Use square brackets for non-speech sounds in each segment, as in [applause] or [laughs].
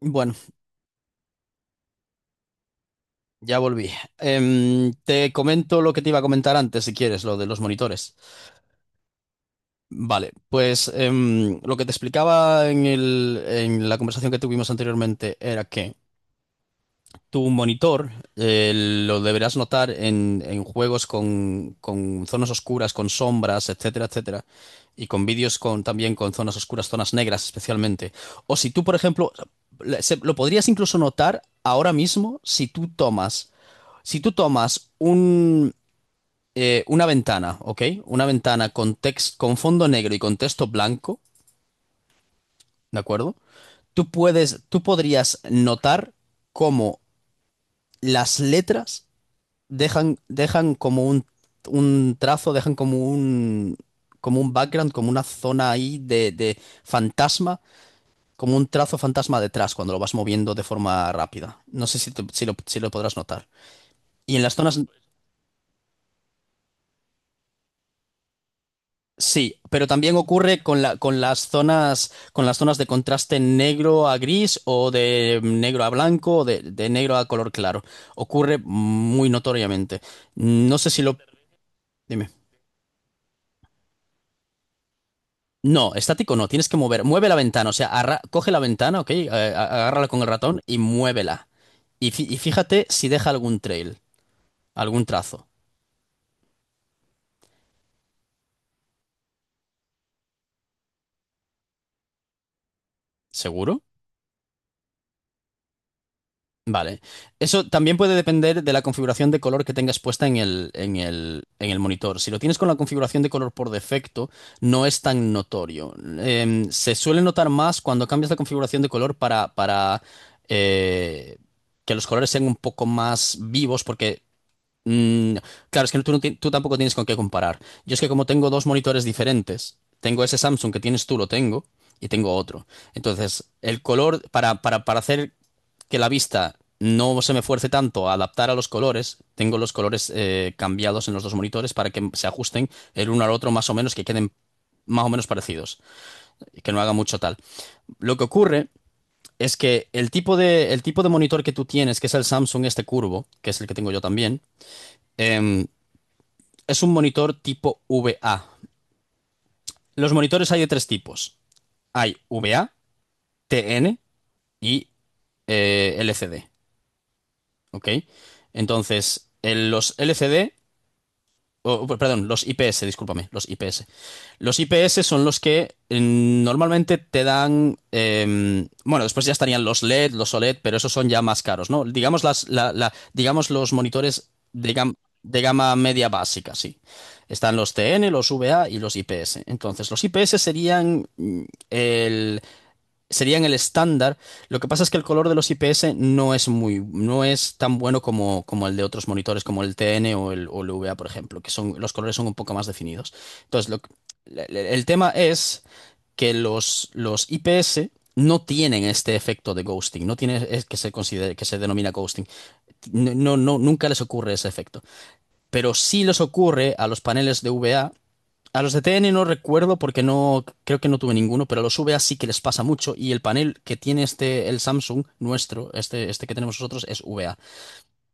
Bueno, ya volví. Te comento lo que te iba a comentar antes, si quieres, lo de los monitores. Vale, pues lo que te explicaba en la conversación que tuvimos anteriormente era que tu monitor eh, lo deberás notar en juegos con zonas oscuras, con sombras, etcétera, etcétera, y con vídeos también con zonas oscuras, zonas negras especialmente. O si tú, por ejemplo, lo podrías incluso notar ahora mismo Si tú tomas una ventana, ¿ok? Una ventana con con fondo negro y con texto blanco, ¿de acuerdo? Tú podrías notar cómo las letras dejan como un trazo, dejan como un background, como una zona ahí de fantasma, como un trazo fantasma detrás cuando lo vas moviendo de forma rápida. No sé si lo podrás notar. Y en las zonas, Sí, pero también ocurre con con las zonas de contraste negro a gris o de negro a blanco o de negro a color claro. Ocurre muy notoriamente. No sé si lo... Dime. No, estático no, tienes que mover. Mueve la ventana, o sea, coge la ventana, ¿ok? Agárrala con el ratón y muévela. Y, y fíjate si deja algún trail, algún trazo. ¿Seguro? Vale. Eso también puede depender de la configuración de color que tengas puesta en el monitor. Si lo tienes con la configuración de color por defecto, no es tan notorio. Se suele notar más cuando cambias la configuración de color para eh, que los colores sean un poco más vivos, porque mm, claro, es que tú, tú tampoco tienes con qué comparar. Yo es que como tengo dos monitores diferentes, tengo ese Samsung que tienes tú, lo tengo, y tengo otro. Entonces, el color, para hacer que la vista no se me fuerce tanto a adaptar a los colores, tengo los colores cambiados en los dos monitores para que se ajusten el uno al otro más o menos, que queden más o menos parecidos y que no haga mucho tal. Lo que ocurre es que el tipo de monitor que tú tienes, que es el Samsung este curvo, que es el que tengo yo también, em, es un monitor tipo VA. Los monitores hay de tres tipos. Hay VA, TN y LCD. ¿Ok? Entonces, los LCD, oh, perdón, los IPS, discúlpame, los IPS. Los IPS son los que normalmente te dan, bueno, después ya estarían los LED, los OLED, pero esos son ya más caros, ¿no? Digamos, digamos los monitores de, de gama media básica, sí. Están los TN, los VA y los IPS. Entonces, los IPS serían el, serían el estándar. Lo que pasa es que el color de los IPS no es muy, no es tan bueno como, como el de otros monitores, como el TN o o el VA, por ejemplo, que son, los colores son un poco más definidos. Entonces, lo que- le- le- el tema es que los IPS no tienen este efecto de ghosting, no tiene es que se considere, que se denomina ghosting. Nunca les ocurre ese efecto. Pero sí les ocurre a los paneles de VA. A los de TN no recuerdo porque no creo que no tuve ninguno, pero a los VA sí que les pasa mucho, y el panel que tiene este el Samsung nuestro, este que tenemos nosotros es VA,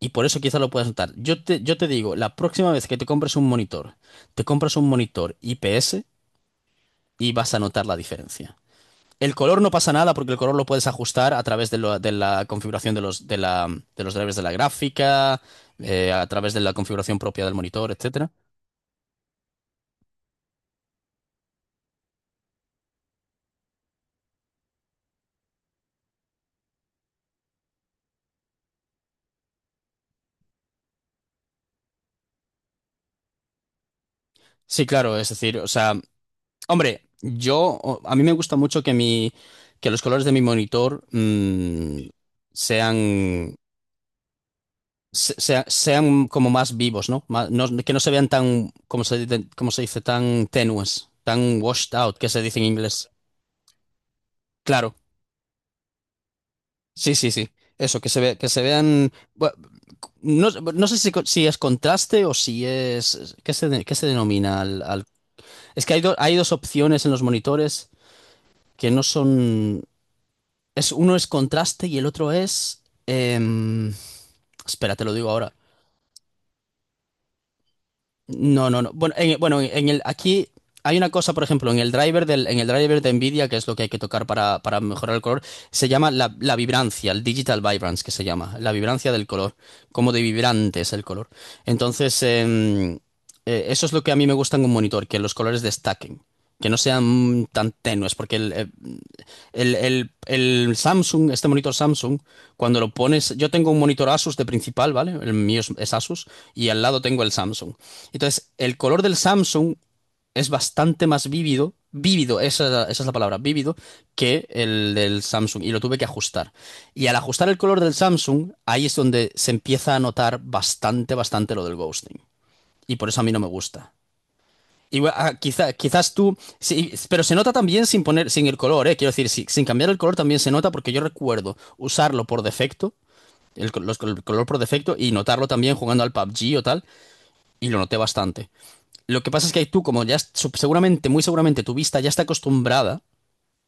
y por eso quizá lo puedas notar. Yo te digo, la próxima vez que te compres un monitor, te compras un monitor IPS y vas a notar la diferencia. El color no pasa nada porque el color lo puedes ajustar a través de, de la configuración de los de la de los drivers de la gráfica, a través de la configuración propia del monitor, etcétera. Sí, claro, es decir, o sea, hombre, yo, a mí me gusta mucho que que los colores de mi monitor sean, sean como más vivos, ¿no? Que no se vean tan, como se dice, tan tenues, tan washed out, que se dice en inglés. Claro, sí, sí, sí. Eso, que se vean, no, no sé si, si es contraste o si es, ¿qué se, qué se denomina Es que hay, hay dos opciones en los monitores que no son. Es, uno es contraste y el otro es... espera, te lo digo ahora. No, no, no. Bueno, en el, aquí hay una cosa, por ejemplo, en el driver del, en el driver de Nvidia, que es lo que hay que tocar para mejorar el color, se llama la vibrancia, el digital vibrance que se llama, la vibrancia del color, como de vibrante es el color. Entonces, eso es lo que a mí me gusta en un monitor, que los colores destaquen, que no sean tan tenues, porque el Samsung, este monitor Samsung, cuando lo pones, yo tengo un monitor Asus de principal, ¿vale? El mío es Asus y al lado tengo el Samsung. Entonces, el color del Samsung es bastante más vívido, vívido, esa es la palabra, vívido, que el del Samsung y lo tuve que ajustar. Y al ajustar el color del Samsung, ahí es donde se empieza a notar bastante, bastante lo del ghosting. Y por eso a mí no me gusta. Igual, ah, quizás tú, sí, pero se nota también sin poner, sin el color, ¿eh? Quiero decir, sin cambiar el color también se nota porque yo recuerdo usarlo por defecto, el color por defecto y notarlo también jugando al PUBG o tal, y lo noté bastante. Lo que pasa es que tú, como ya seguramente, muy seguramente tu vista ya está acostumbrada,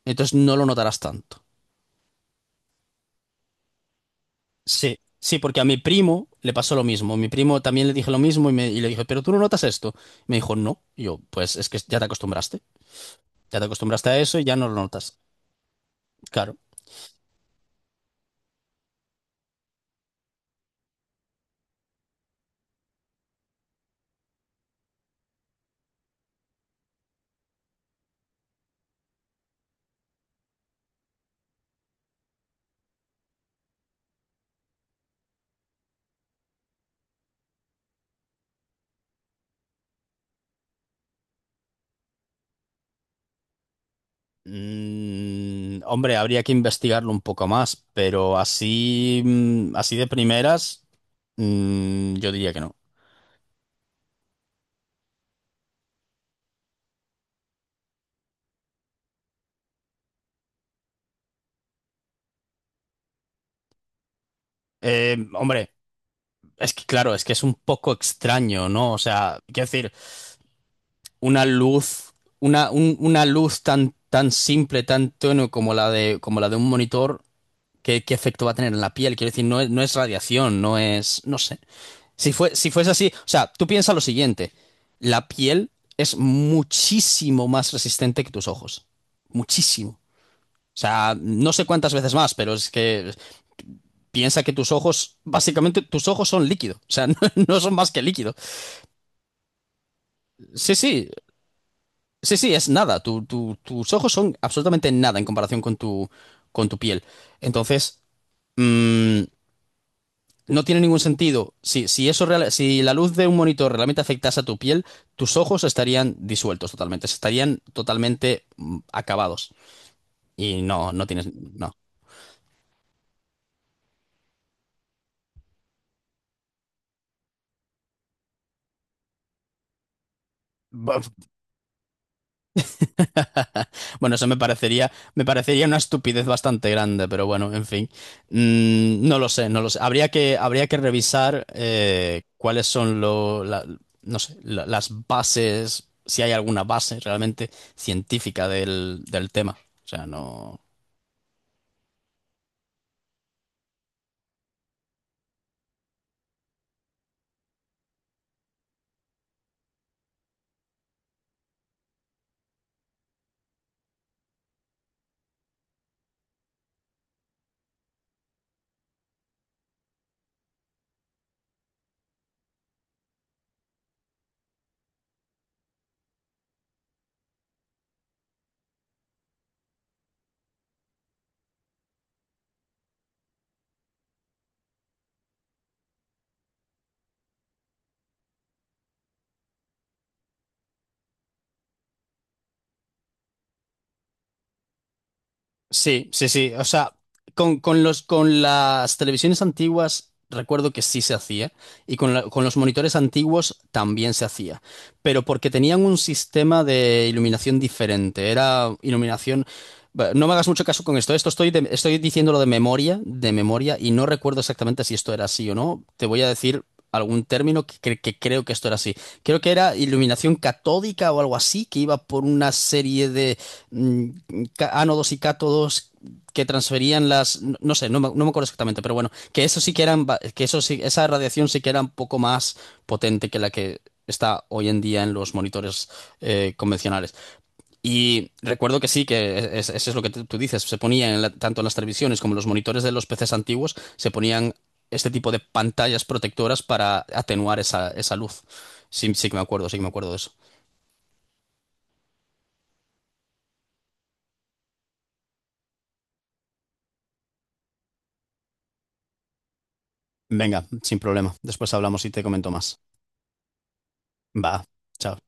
entonces no lo notarás tanto. Sí. Sí, porque a mi primo le pasó lo mismo. Mi primo también le dije lo mismo y, y le dije, pero tú no notas esto. Me dijo, no. Y yo, pues es que ya te acostumbraste. Ya te acostumbraste a eso y ya no lo notas. Claro. Mm, hombre, habría que investigarlo un poco más, pero así, mm, así de primeras, mm, yo diría que no. Hombre, es que claro, es que es un poco extraño, ¿no? O sea, quiero decir, una luz, una luz tan, tan simple, tan tenue como la de un monitor, ¿qué, qué efecto va a tener en la piel? Quiero decir, no es, no es radiación, no es, no sé. Si fuese así, o sea, tú piensa lo siguiente, la piel es muchísimo más resistente que tus ojos, muchísimo. O sea, no sé cuántas veces más, pero es que piensa que tus ojos, básicamente tus ojos son líquido, o sea, [laughs] no, no son más que líquido. Sí, sí, sí, sí, es nada, tus ojos son absolutamente nada en comparación con tu piel. Entonces, mm, no tiene ningún sentido. Si, si eso si la luz de un monitor realmente afectase a tu piel, tus ojos estarían disueltos totalmente, estarían totalmente acabados. Y no, no tienes, no. [laughs] Bu- Bueno, eso me parecería una estupidez bastante grande, pero bueno, en fin. Mm, no lo sé, no lo sé. Habría que revisar cuáles son no sé, las bases, si hay alguna base realmente científica del, del tema. O sea, no. Sí, sí, sí. O sea, con los, con las televisiones antiguas recuerdo que sí se hacía y con, con los monitores antiguos también se hacía, pero porque tenían un sistema de iluminación diferente. Era iluminación... Bueno, no me hagas mucho caso con esto. Esto estoy, estoy diciéndolo de memoria, y no recuerdo exactamente si esto era así o no. Te voy a decir algún término que creo que esto era así. Creo que era iluminación catódica o algo así, que iba por una serie de mm, ánodos y cátodos que transferían las, no sé, no me, no me acuerdo exactamente, pero bueno, que eso sí que eran, que eso sí, esa radiación sí que era un poco más potente que la que está hoy en día en los monitores convencionales. Y recuerdo que sí, que e, e, es- eso es lo que tú dices, se ponía en tanto en las televisiones como en los monitores de los PCs antiguos, se ponían este tipo de pantallas protectoras para atenuar esa, esa luz. Sí, sí que me acuerdo, sí que me acuerdo de eso. Venga, sin problema. Después hablamos y te comento más. Va. Chao.